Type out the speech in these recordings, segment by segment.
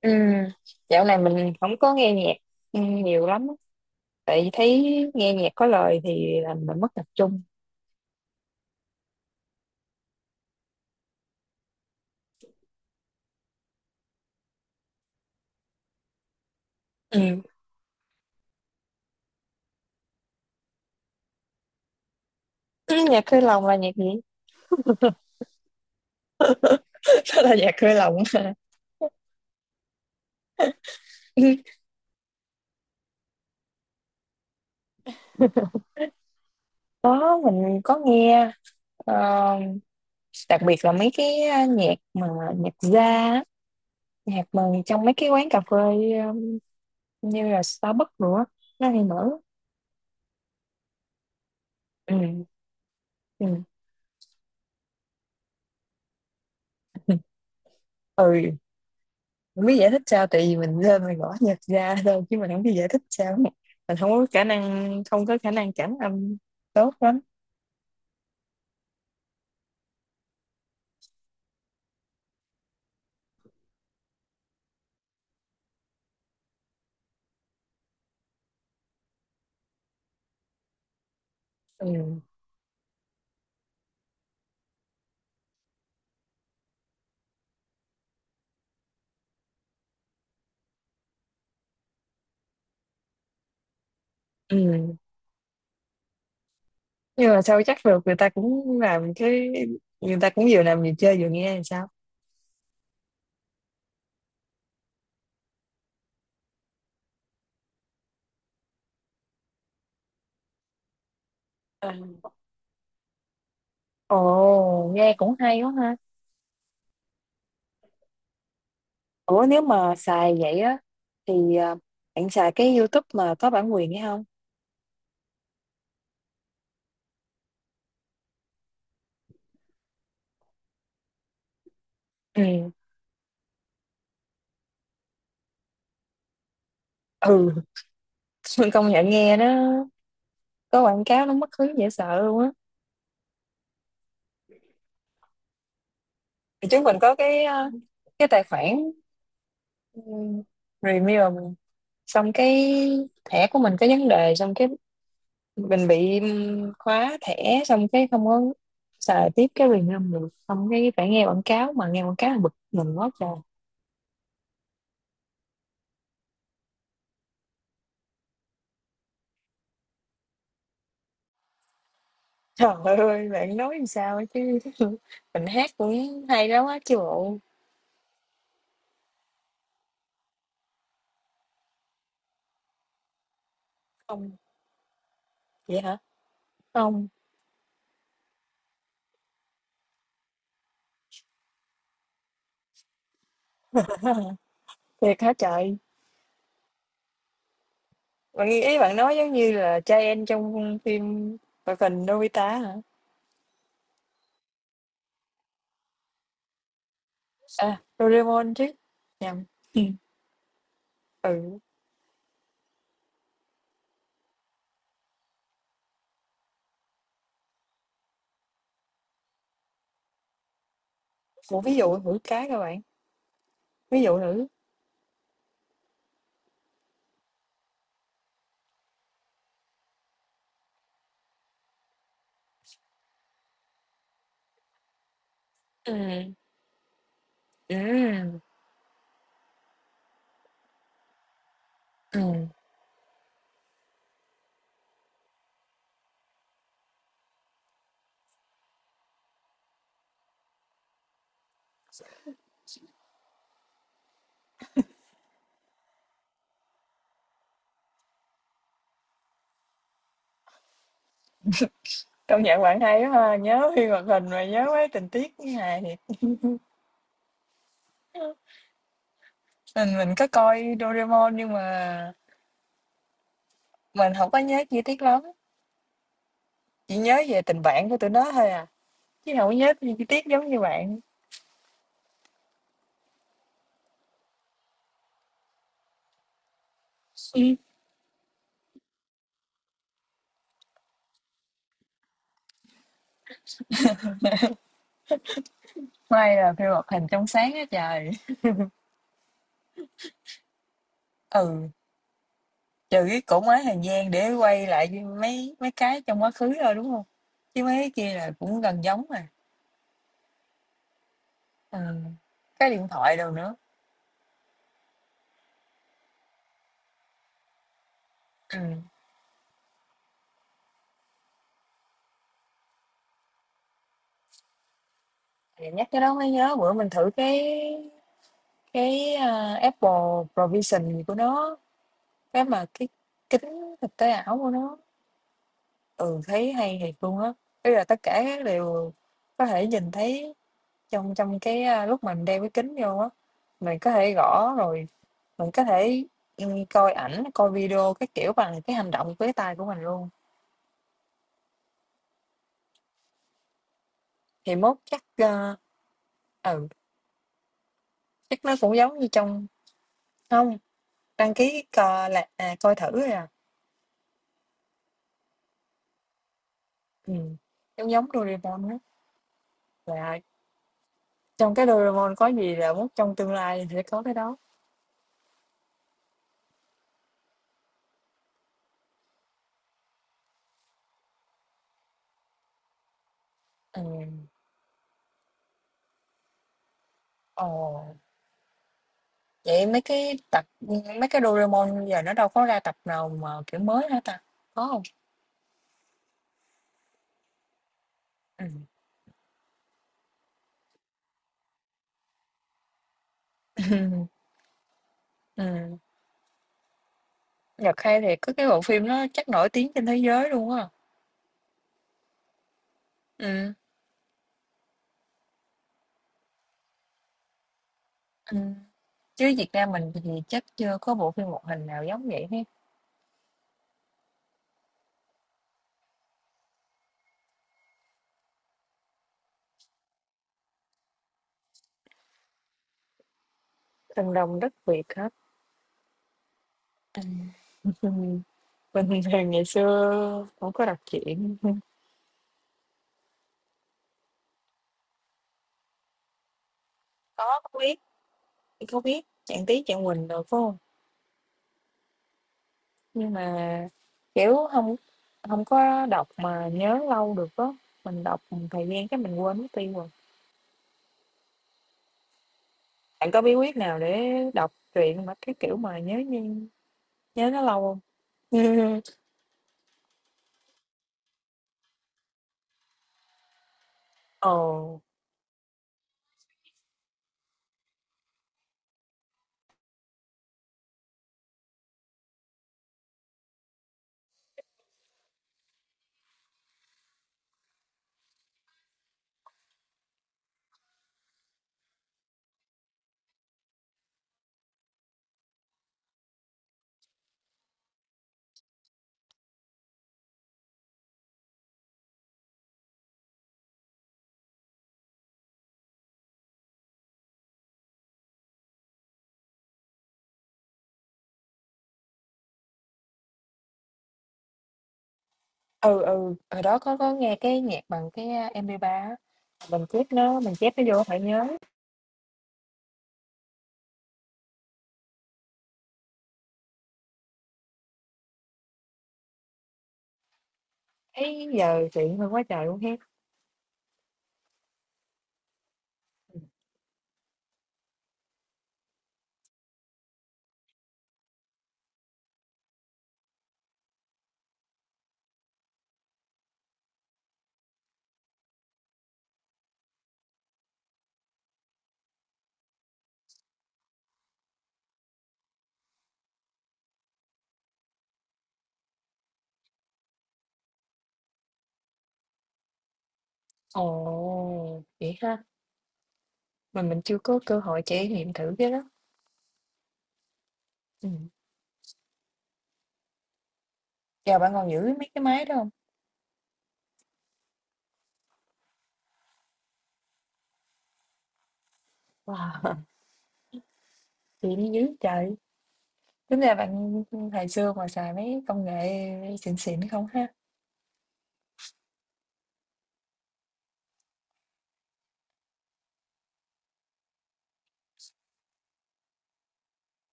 Ừ, dạo này mình không có nghe nhạc nhiều lắm á. Tại vì thấy nghe nhạc có lời thì làm mình mất tập trung ừ. Ừ, nhạc hơi lòng là nhạc gì? Đó là nhạc hơi lòng hả? Đó mình có nghe, ờ, đặc biệt là mấy cái nhạc mà nhạc jazz á, nhạc mà trong mấy cái quán cà phê, ờ, như là Starbucks nữa nó hay mở. Ừ. Ừ. ừ Không biết giải thích sao, tại vì mình lên mình gõ nhạc ra thôi chứ mình không biết giải thích sao, mình không có khả năng cảm âm tốt lắm ừ. Ừ. Nhưng mà sao chắc được, người ta cũng làm cái, người ta cũng vừa làm vừa chơi vừa nghe thì sao? Ừ. Ồ, nghe cũng hay quá ha. Ủa nếu mà xài vậy á thì, bạn xài cái YouTube mà có bản quyền hay không? Ừ. Ừ, công nhận nghe nó có quảng cáo nó mất hứng dễ sợ luôn á. Thì chúng mình có cái, cái tài khoản. Ừ. Review mình xong cái thẻ của mình có vấn đề, xong cái mình bị khóa thẻ, xong cái không có xài tiếp cái review được, xong cái phải nghe quảng cáo, mà nghe quảng cáo là bực mình quá trời. Trời ơi bạn nói làm sao ấy chứ, mình hát cũng hay lắm á chứ bộ. Không. Vậy hả? Không. Thiệt hả trời. Ý bạn nói giống như là trai trong phim hoạt hình Nobita hả? À Doraemon chứ, nhầm. Ừ. Một ví dụ nữ cái các bạn. Ví dụ nữ. Ừ. Ừ. Ừ. Công nhận bạn hay quá ha, nhớ phim hoạt hình mà nhớ mấy tình tiết như này thì, mình có coi Doraemon nhưng mà mình không có nhớ chi tiết lắm, chỉ nhớ về tình bạn của tụi nó thôi à, chứ không có nhớ chi chi tiết giống như bạn. Ừ. May là phim hoạt hình trong sáng á trời. Ừ, trừ cái cổ máy thời gian để quay lại với mấy mấy cái trong quá khứ thôi đúng không, chứ mấy cái kia là cũng gần giống mà. Ừ. Cái điện thoại đâu nữa. Ừ. Thì nhắc cái đó mới nhớ bữa mình thử cái, Apple Provision gì của nó, cái kính thực tế ảo của nó. Ừ, thấy hay thiệt luôn á. Bây là tất cả các đều có thể nhìn thấy, trong trong cái, lúc mình đeo cái kính vô á, mình có thể gõ rồi, mình có thể, coi ảnh coi video, cái kiểu bằng cái hành động với tay của mình luôn. Thì mốt chắc, ừ chắc nó cũng giống như trong. Không. Đăng ký coi là, coi thử rồi à. Ừm, Giống giống Doraemon á, là trong cái Doraemon có gì là mốt trong tương lai sẽ có cái đó. Ừm. Ồ, vậy mấy cái tập, mấy cái Doraemon giờ nó đâu có ra tập nào mà kiểu mới hả ta? Có hông? Ừm. Ừm, Nhật hay thì có cái bộ phim nó chắc nổi tiếng trên thế giới luôn á. Ừm. Ừm, chứ Việt Nam mình thì chắc chưa có bộ phim hoạt hình nào giống vậy hết. Thần đồng đất Việt hả? Ừm. Mình thì ngày xưa cũng có đọc truyện. Có biết. Chị có biết Trạng Tí Trạng Quỳnh được phải không? Nhưng mà kiểu không, không có đọc mà nhớ lâu được á. Mình đọc một thời gian cái mình quên mất tiêu rồi. Bạn có bí quyết nào để đọc truyện mà cái kiểu mà nhớ như, nhớ nó lâu không? Ồ. Ừ ừ, hồi đó có nghe cái nhạc bằng cái MP3 á. Mình chép nó vô phải nhớ. Thấy giờ chuyện hơn quá trời luôn ha. Ồ, vậy ha. Mà mình chưa có cơ hội trải nghiệm thử cái đó. Ừ. Chà, bạn còn giữ mấy cái máy đó hông? Wow, vậy mới dữ trời! Tính ra bạn, hồi xưa mà xài mấy công nghệ xịn xịn không ha?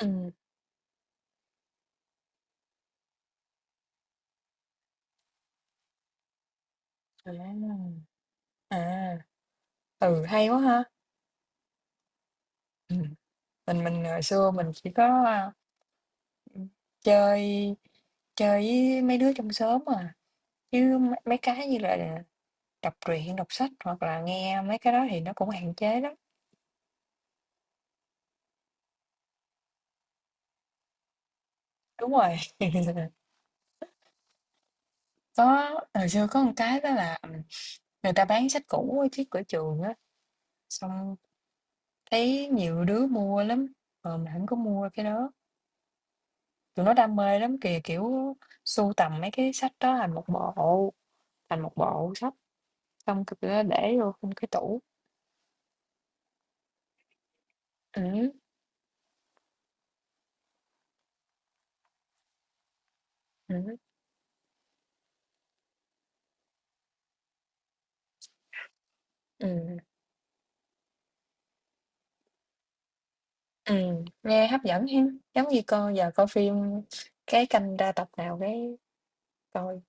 Ừm. À. À, ừ, hay quá ha! Ừm, mình hồi xưa mình chỉ có, ừm, chơi chơi với mấy đứa trong xóm à, chứ mấy mấy cái như là đọc truyện, đọc sách hoặc là nghe mấy cái đó thì nó cũng hạn chế lắm. Đúng rồi, có hồi xưa có một cái đó là, người ta bán sách cũ ở trước cửa trường á, xong thấy nhiều đứa mua lắm, mình không có mua cái đó. Tụi nó đam mê lắm kìa, kiểu, sưu tầm mấy cái sách đó thành một bộ sách, xong c tụi nó để vô trong cái tủ. Ừm. Ừm. Ừm. Ừm, nghe hấp dẫn hen, giống như coi giờ coi phim cái canh ra tập nào cái coi.